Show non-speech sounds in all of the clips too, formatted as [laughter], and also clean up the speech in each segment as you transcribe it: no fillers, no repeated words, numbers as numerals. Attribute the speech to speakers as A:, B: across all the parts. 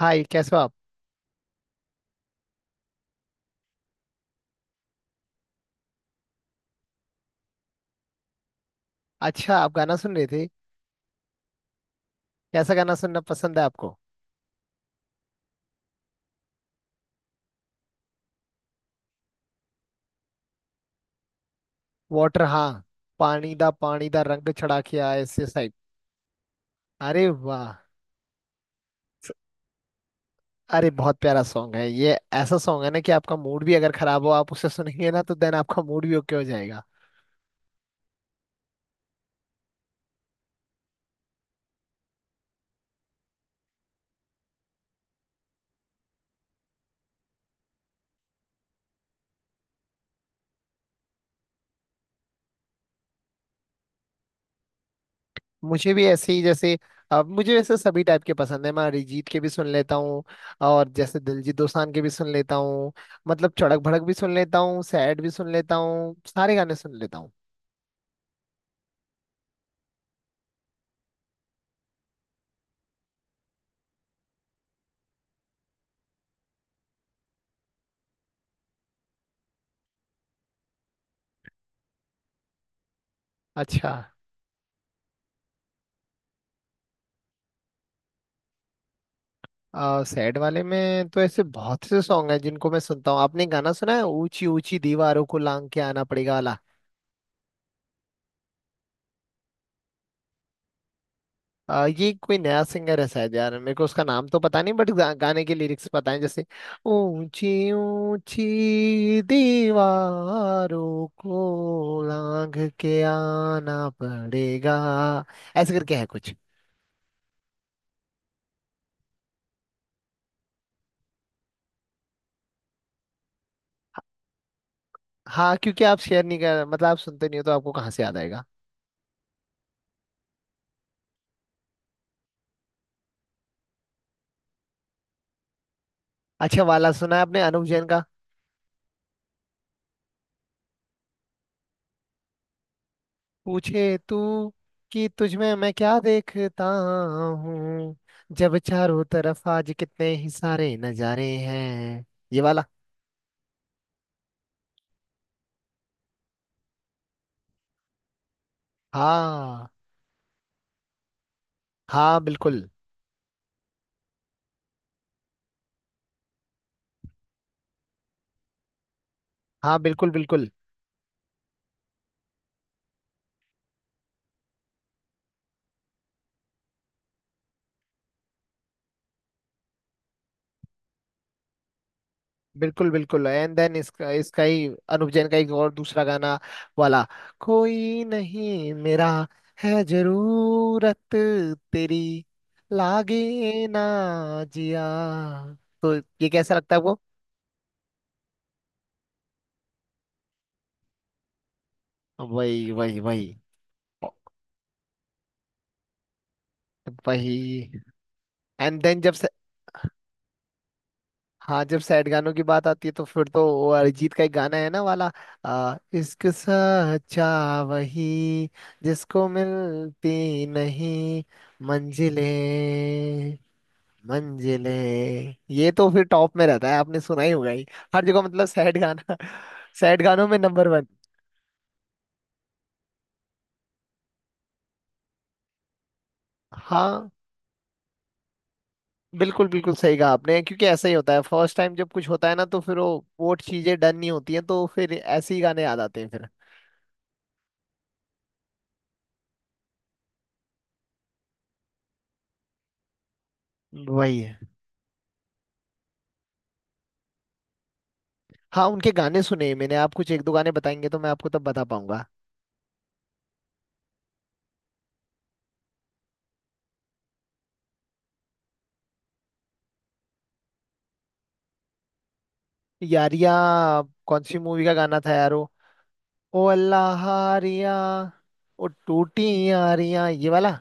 A: हाय, कैसे हो आप। अच्छा, आप गाना सुन रहे थे। कैसा गाना सुनना पसंद है आपको। वाटर, हाँ। पानी दा रंग चढ़ा के आए ऐसे साइड। अरे वाह। स- अरे बहुत प्यारा सॉन्ग है ये। ऐसा सॉन्ग है ना कि आपका मूड भी अगर खराब हो, आप उसे सुनेंगे ना तो देन आपका मूड भी ओके हो जाएगा। मुझे भी ऐसे ही, जैसे अब मुझे वैसे सभी टाइप के पसंद है। मैं अरिजीत के भी सुन लेता हूँ और जैसे दिलजीत दोसांझ के भी सुन लेता हूँ। मतलब चड़क भड़क भी सुन लेता हूँ, सैड भी सुन लेता हूँ, सारे गाने सुन लेता हूँ। अच्छा, सैड वाले में तो ऐसे बहुत से सॉन्ग हैं जिनको मैं सुनता हूँ। आपने गाना सुना है ऊंची ऊंची दीवारों को लांग के आना पड़ेगा वाला। ये कोई नया सिंगर है शायद यार, मेरे को उसका नाम तो पता नहीं, बट गाने के लिरिक्स पता है, जैसे ऊंची ऊंची दीवारों को लांग के आना पड़ेगा। ऐसे करके है कुछ। हाँ, क्योंकि आप शेयर नहीं कर, मतलब आप सुनते नहीं हो तो आपको कहाँ से याद आएगा। अच्छा वाला सुना है आपने अनुव जैन का। पूछे तू कि तुझमें मैं क्या देखता हूँ, जब चारों तरफ आज कितने ही सारे नजारे हैं। ये वाला। हाँ, हाँ बिल्कुल। हाँ बिल्कुल, बिल्कुल। बिल्कुल बिल्कुल, एंड देन इसका इसका ही अनुप जैन का एक और दूसरा गाना वाला कोई नहीं मेरा है जरूरत तेरी लागे ना जिया तो। ये कैसा लगता है आपको। वही वही वही वही एंड देन जब से। हाँ, जब सैड गानों की बात आती है तो फिर तो वो अरिजीत का एक गाना है ना वाला। इश्क सच्चा वही जिसको मिलती नहीं मंजिलें, मंजिलें, ये तो फिर टॉप में रहता है। आपने सुना ही होगा ही हर जगह, मतलब सैड गाना। [laughs] सैड गानों में नंबर वन। हाँ बिल्कुल, बिल्कुल सही कहा आपने, क्योंकि ऐसा ही होता है। फर्स्ट टाइम जब कुछ होता है ना तो फिर वो चीजें डन नहीं होती हैं, तो फिर ऐसे ही गाने याद आते हैं फिर। वही है। हाँ, उनके गाने सुने हैं मैंने। आप कुछ एक दो गाने बताएंगे तो मैं आपको तब बता पाऊंगा। यारिया कौन सी मूवी का गाना था यार वो। ओ अल्लाह हारिया। ओ टूटी यारिया, ये वाला।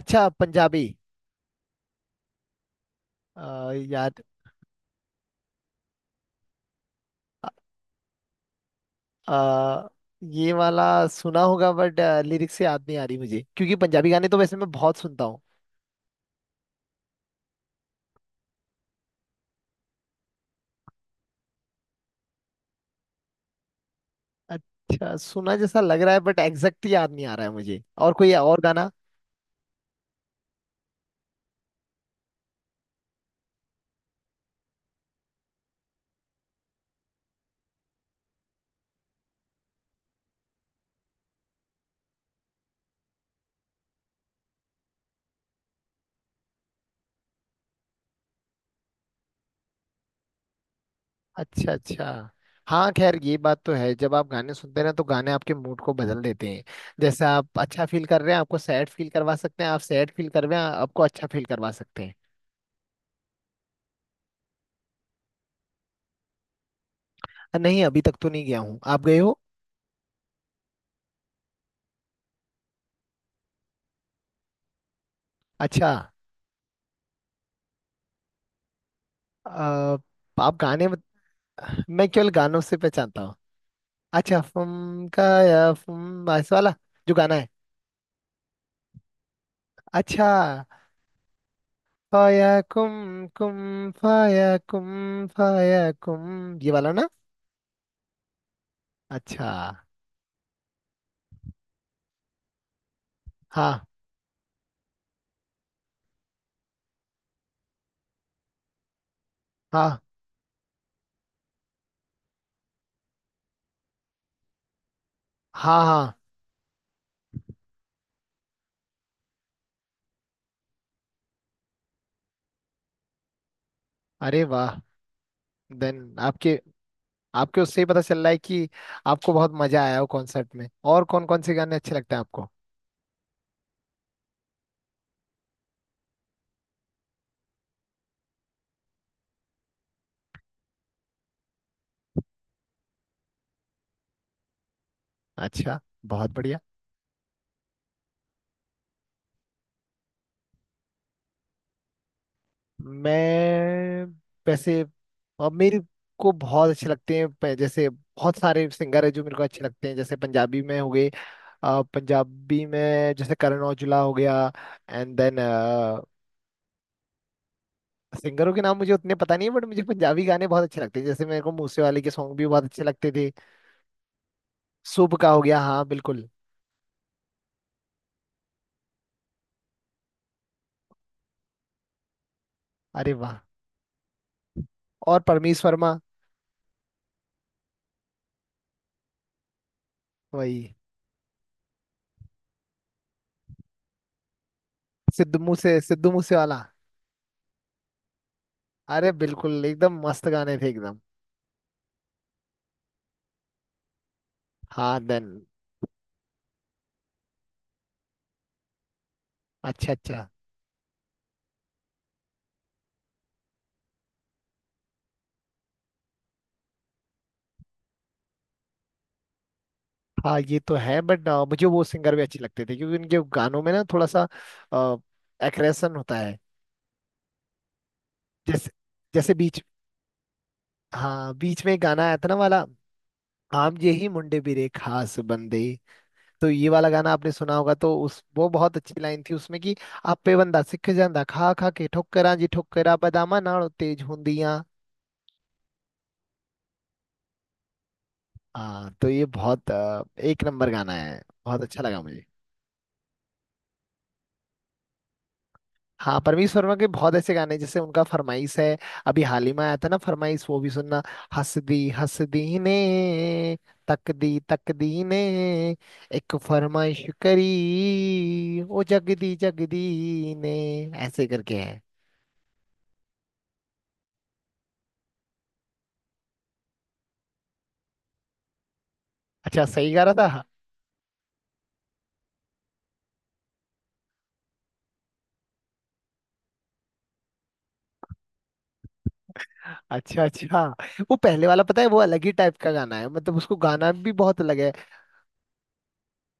A: अच्छा पंजाबी। याद। आ, ये वाला सुना होगा बट लिरिक्स से याद नहीं आ रही मुझे, क्योंकि पंजाबी गाने तो वैसे मैं बहुत सुनता हूँ। अच्छा सुना जैसा लग रहा है बट एग्जैक्ट याद नहीं आ रहा है मुझे। और कोई और गाना। अच्छा अच्छा। हाँ खैर, ये बात तो है। जब आप गाने सुनते हैं ना तो गाने आपके मूड को बदल देते हैं। जैसे आप अच्छा फील कर रहे हैं, आपको सैड फील करवा सकते हैं। आप सैड फील कर रहे हैं, आपको अच्छा फील करवा सकते हैं। नहीं, अभी तक तो नहीं गया हूँ। आप गए हो। अच्छा। अ, आप गाने, मैं केवल गानों से पहचानता हूँ। अच्छा फुम का या फुम ऐसा वाला जो गाना है। अच्छा, फाया कुम, कुम फाया, कुम फाया कुम, ये वाला ना। अच्छा। हाँ, हाँ, हाँ। हाँ। अरे वाह। देन आपके, आपके उससे ही पता चल रहा है कि आपको बहुत मजा आया हो कॉन्सर्ट में। और कौन कौन से गाने अच्छे लगते हैं आपको। अच्छा, बहुत बढ़िया। मैं, वैसे, और मेरे को बहुत अच्छे लगते हैं। जैसे बहुत सारे सिंगर है जो मेरे को अच्छे लगते हैं, जैसे पंजाबी में हो गए, पंजाबी में जैसे करण औजला हो गया। एंड देन सिंगरों के नाम मुझे उतने पता नहीं है बट मुझे पंजाबी गाने बहुत अच्छे लगते हैं, जैसे मेरे को मूसे वाले के सॉन्ग भी बहुत अच्छे लगते थे। शुभ का हो गया, हाँ बिल्कुल। अरे वाह। और परमीश वर्मा। वही। सिद्धू मूसे, सिद्धू मूसे वाला। अरे बिल्कुल, एकदम मस्त गाने थे एकदम। हाँ देन। अच्छा अच्छा। हाँ ये तो है, बट मुझे वो सिंगर भी अच्छे लगते थे, क्योंकि उनके गानों में ना थोड़ा सा एग्रेशन होता है। जैसे, जैसे बीच। हाँ, बीच में एक गाना आया था ना वाला आम ये ही मुंडे बिरे खास बंदे। तो ये वाला गाना आपने सुना होगा। तो उस, वो बहुत अच्छी लाइन थी उसमें कि ਆਪੇ ਬੰਦਾ ਸਿੱਖ ਜਾਂਦਾ ਖਾ ਖਾ ਕੇ ਠੋਕਰਾਂ ਜੀ ਠੋਕਰਾ ਬਦਾਮਾਂ ਨਾਲੋਂ ਤੇਜ਼ ਹੁੰਦੀਆਂ। हाँ, तो ये बहुत एक नंबर गाना है। बहुत अच्छा लगा मुझे। हाँ, परमीश वर्मा के बहुत ऐसे गाने हैं, जैसे उनका फरमाइश है। अभी हाल ही में आया था ना फरमाइश, वो भी सुनना। हंस दी ने, तक दी ने, एक फरमाइश करी ओ जग दी ने। ऐसे करके है। अच्छा, सही गा रहा था। अच्छा अच्छा। वो पहले वाला, पता है, वो अलग ही टाइप का गाना है। मतलब उसको गाना भी बहुत अलग है।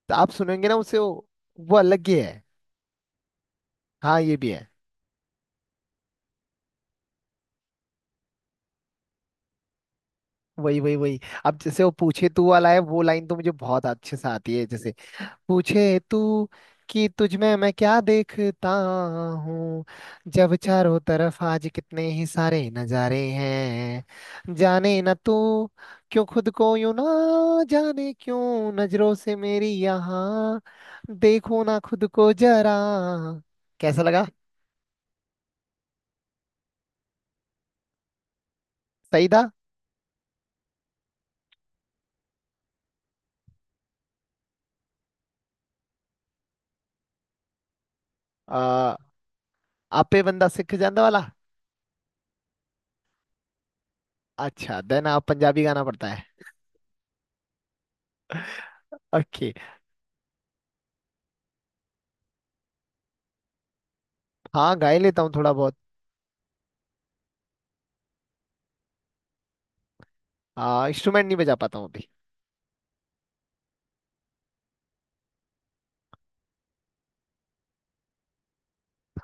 A: तो आप सुनेंगे ना उसे वो अलग ही है। हाँ ये भी है। वही वही वही अब जैसे वो पूछे तू वाला है, वो लाइन तो मुझे बहुत अच्छे से आती है, जैसे पूछे तू कि तुझ में मैं क्या देखता हूँ। जब चारों तरफ आज कितने ही सारे नजारे हैं, जाने न तू क्यों खुद को यूं ना जाने क्यों, नजरों से मेरी यहाँ देखो ना खुद को जरा। कैसा लगा, सही था। आ, आपे बंदा सिख जाने वाला। अच्छा देन, आप पंजाबी गाना पड़ता है। ओके। हाँ गा ही लेता हूँ थोड़ा बहुत। इंस्ट्रूमेंट नहीं बजा पाता हूँ अभी।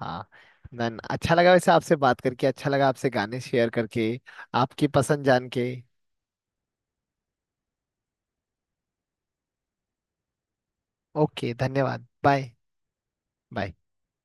A: हाँ देन, अच्छा लगा वैसे आपसे बात करके, अच्छा लगा आपसे गाने शेयर करके, आपकी पसंद जान के। ओके, धन्यवाद, बाय। बाय।